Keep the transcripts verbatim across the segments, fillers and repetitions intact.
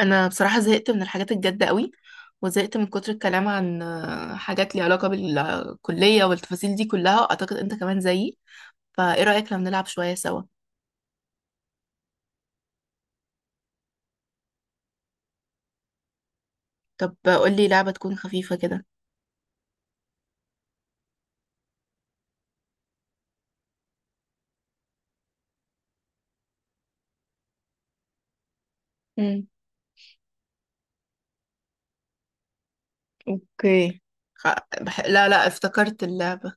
انا بصراحه زهقت من الحاجات الجد قوي، وزهقت من كتر الكلام عن آه، حاجات ليها علاقه بالكليه والتفاصيل دي كلها. اعتقد انت كمان زيي، فايه رايك لو نلعب شويه سوا؟ طب قول لي لعبه تكون خفيفه كده. امم اوكي. خ... بح... لا لا، افتكرت اللعبه.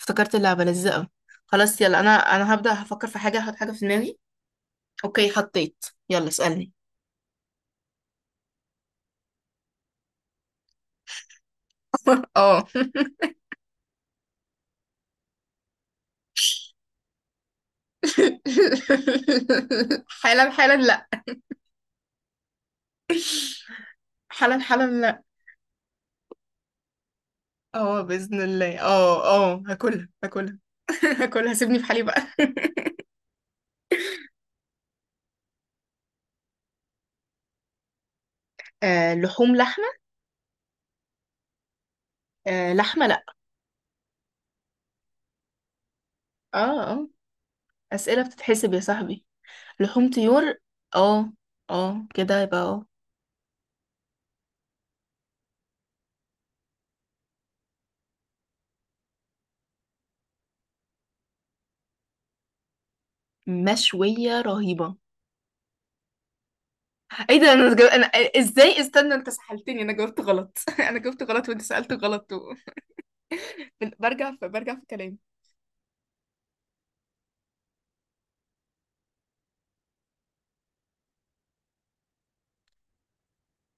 افتكرت اللعبه لذيذه قوي. خلاص يلا انا انا هبدا. هفكر في حاجه، هحط حاجه في دماغي. اوكي حطيت، يلا اسالني. اه. حالا حالا لا. حالا حالا. اه بإذن الله اه. اه هاكلها هاكلها. هاكلها، سيبني في حالي بقى. آه لحوم، لحمة. آه لحمة لأ. اه اه. أسئلة بتتحسب يا صاحبي. لحوم طيور. اه اه كده، يبقى اه. مشوية رهيبة. ايه ده؟ انا جاو... انا ازاي؟ استنى، انت سحلتني، انا جاوبت غلط. انا جاوبت غلط وانت سألت غلط و... بن- برجع في برجع في كلامي.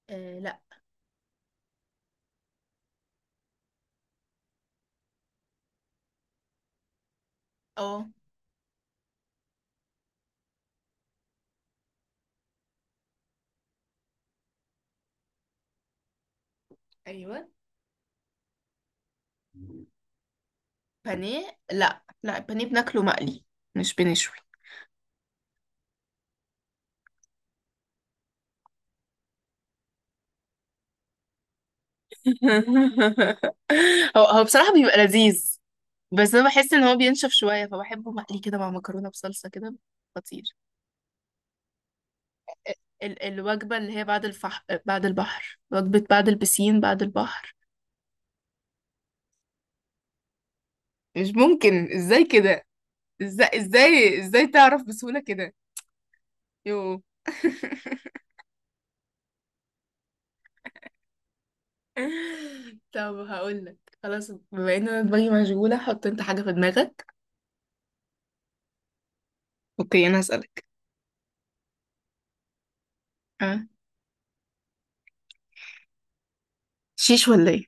آه لا. اه ايوه. بانيه؟ لا لا، البانيه بناكله مقلي، مش بنشوي. هو هو بصراحة بيبقى لذيذ. بس أنا بحس إن هو بينشف شوية، فبحبه مقلي كده مع مكرونة بصلصة كده. خطير. ال الوجبة اللي هي بعد الفح بعد البحر، وجبة بعد البسين بعد البحر. مش ممكن، ازاي كده؟ ازاي ازاي ازاي تعرف بسهولة كده؟ يو. طب هقولك. خلاص، بما ان انا دماغي مشغولة، حط انت حاجة في دماغك. اوكي انا هسألك. أه. شيش ولا ايه؟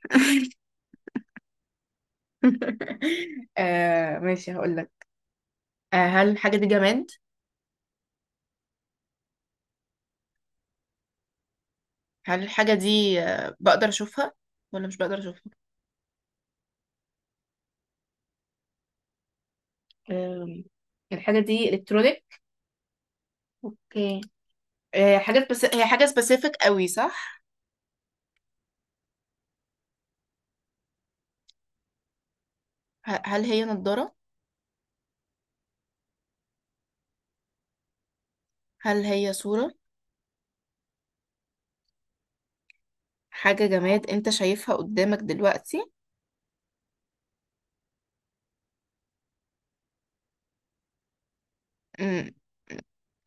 آه ماشي، هقولك. آه، هل الحاجة دي جماد؟ هل الحاجة دي آه، بقدر أشوفها ولا مش بقدر أشوفها؟ أم، الحاجة دي إلكترونيك؟ اوكي. آه، حاجات، بس هي حاجة سبيسيفيك قوي صح؟ ه- هل هي نضارة؟ هل هي صورة؟ حاجة جماد أنت شايفها قدامك دلوقتي؟ أمم،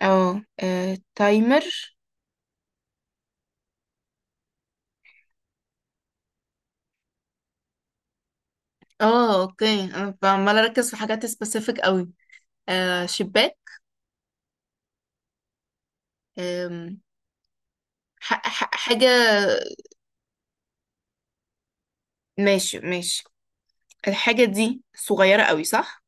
اه آه، تايمر؟ اه اوكي، انا عمالة اركز في حاجات سبيسيفيك قوي. آه، شباك؟ آم، ح- ح- حاجة. ماشي ماشي. الحاجة دي صغيرة قوي صح؟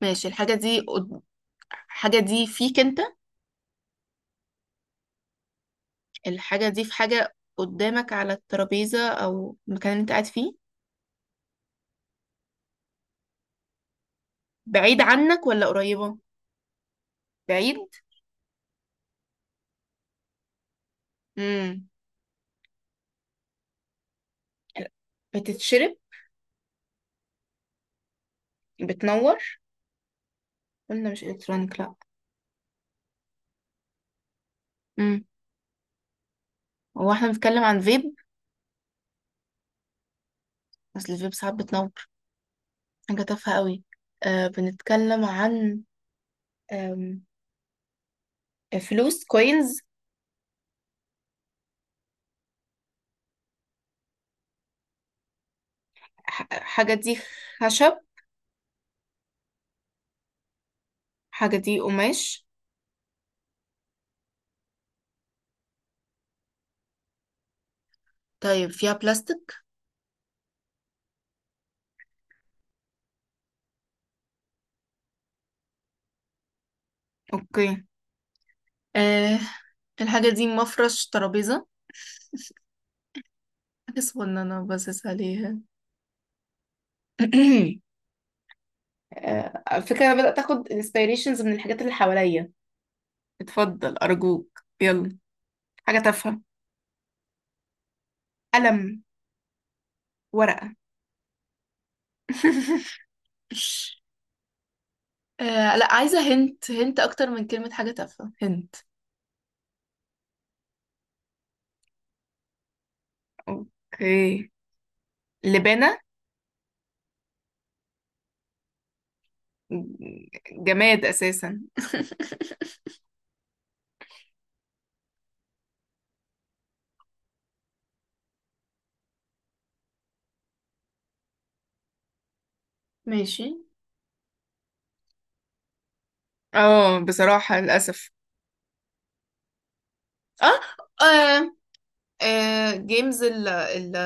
ماشي، الحاجة دي قد- الحاجة دي فيك انت؟ الحاجة دي في حاجة قدامك على الترابيزة أو المكان اللي انت قاعد فيه؟ بعيد عنك ولا قريبة؟ بعيد. مم. بتتشرب؟ بتنور؟ قلنا مش الكترونيك لا. امم هو احنا بنتكلم عن فيب؟ اصل الفيب ساعات بتنور. حاجة تافهة قوي. آه بنتكلم عن آم، فلوس كوينز؟ حاجة دي خشب؟ حاجة دي قماش؟ طيب فيها بلاستيك؟ اوكي. آه الحاجة دي مفرش ترابيزة، حاجة صغننة باصص عليها. آه، على فكرة أنا بدأت أخد inspirations من الحاجات اللي حواليا. اتفضل أرجوك يلا. حاجة تافهة. قلم. ورقة. آه لا، عايزة هنت هنت أكتر من كلمة حاجة تافهة. هنت. اوكي. لبانة. جماد أساسا. ماشي. اه بصراحة للأسف. اه، آه. آه. جيمز ال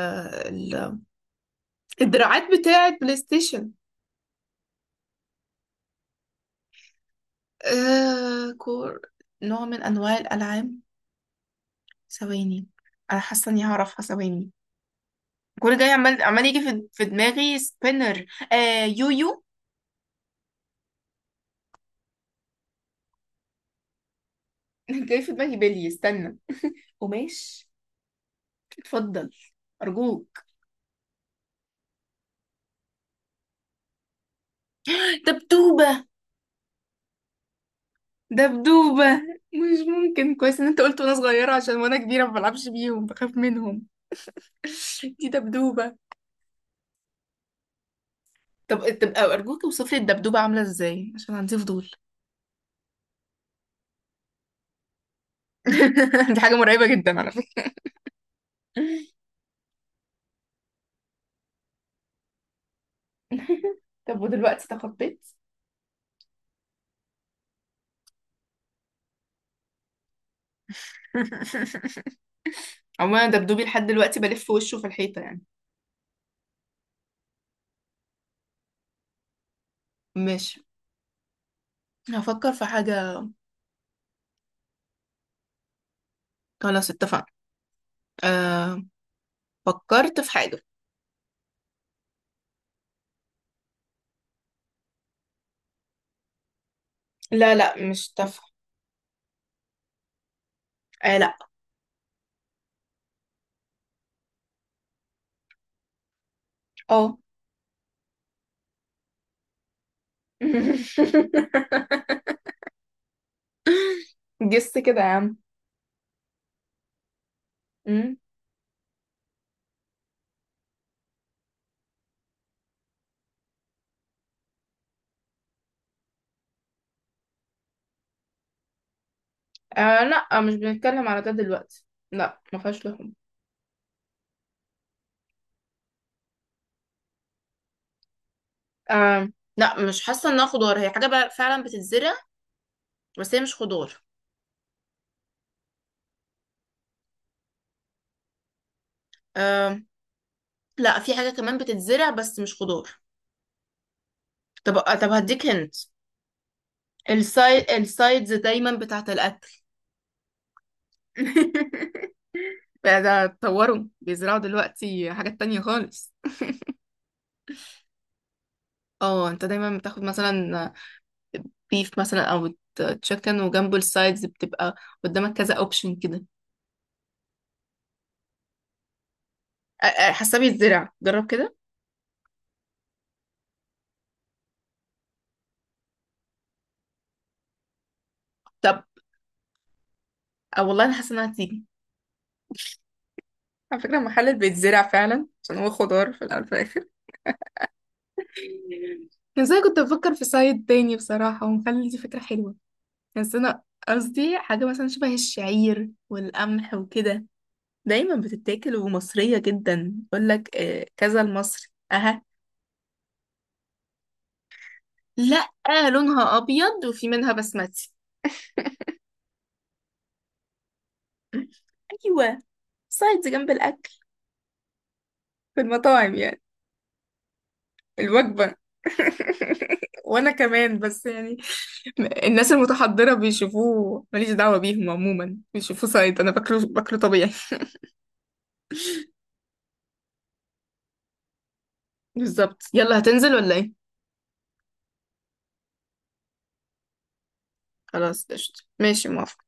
الدراعات بتاعة بلاي ستيشن. آه كور. نوع من أنواع الألعاب. ثواني. أنا حاسة إني هعرفها، ثواني. كل جاي، عمال عمال يجي في في دماغي سبينر. آه يويو. جاي في دماغي بلي. استنى. قماش. اتفضل أرجوك. دبدوبة. دبدوبة. مش ممكن، كويس إن أنت قلت وأنا صغيرة، عشان وأنا كبيرة ما بلعبش بيهم، بخاف منهم. دي دبدوبة. طب طب أرجوك، اوصفلي الدبدوبة عاملة إزاي عشان عندي فضول. دي حاجة مرعبة جدا على فكرة. طب ودلوقتي تخطيت؟ عموما أنا دبدوبي لحد دلوقتي بلف وشه في الحيطة يعني. ماشي، هفكر في حاجة. خلاص اتفقنا. أه... فكرت في حاجة. لا لا مش تافهة. أه لا. اه. جس كده يا عم. أمم. أه لا، مش بنتكلم على ده دلوقتي. لا ما فيهاش لحوم. أه لا، مش حاسة انها خضار، هي حاجة بقى فعلا بتتزرع، بس هي مش خضار. آم، لا، في حاجة كمان بتتزرع بس مش خضار. طب طب هديك هنت. السايد، السايدز دايما بتاعت الأكل. بقى ده اتطوروا بيزرعوا دلوقتي حاجات تانية خالص. اه، انت دايما بتاخد مثلا بيف مثلا او تشيكن، وجنبه السايدز بتبقى قدامك كذا اوبشن كده. أ- أ- حاسة بيتزرع، جرب كده. طب. أه والله انا حاسة انها هتيجي. على فكرة المحل بيتزرع فعلا، عشان هو خضار في الأول وفي الآخر. ازاي كنت بفكر في سايد تاني بصراحة، ومخلي دي فكرة حلوة. بس انا قصدي حاجة مثلا شبه الشعير والقمح وكده، دايما بتتاكل ومصرية جدا. يقولك آه، كذا المصري اها. لا، لونها ابيض وفي منها بسمتي. ايوه. سايدز جنب الاكل في المطاعم يعني. الوجبة. وانا كمان، بس يعني الناس المتحضرة بيشوفوه، ماليش دعوة بيهم، عموما بيشوفوه سايد، انا باكله باكله طبيعي. بالظبط. يلا هتنزل ولا ايه؟ خلاص قشطة، ماشي، موافقة.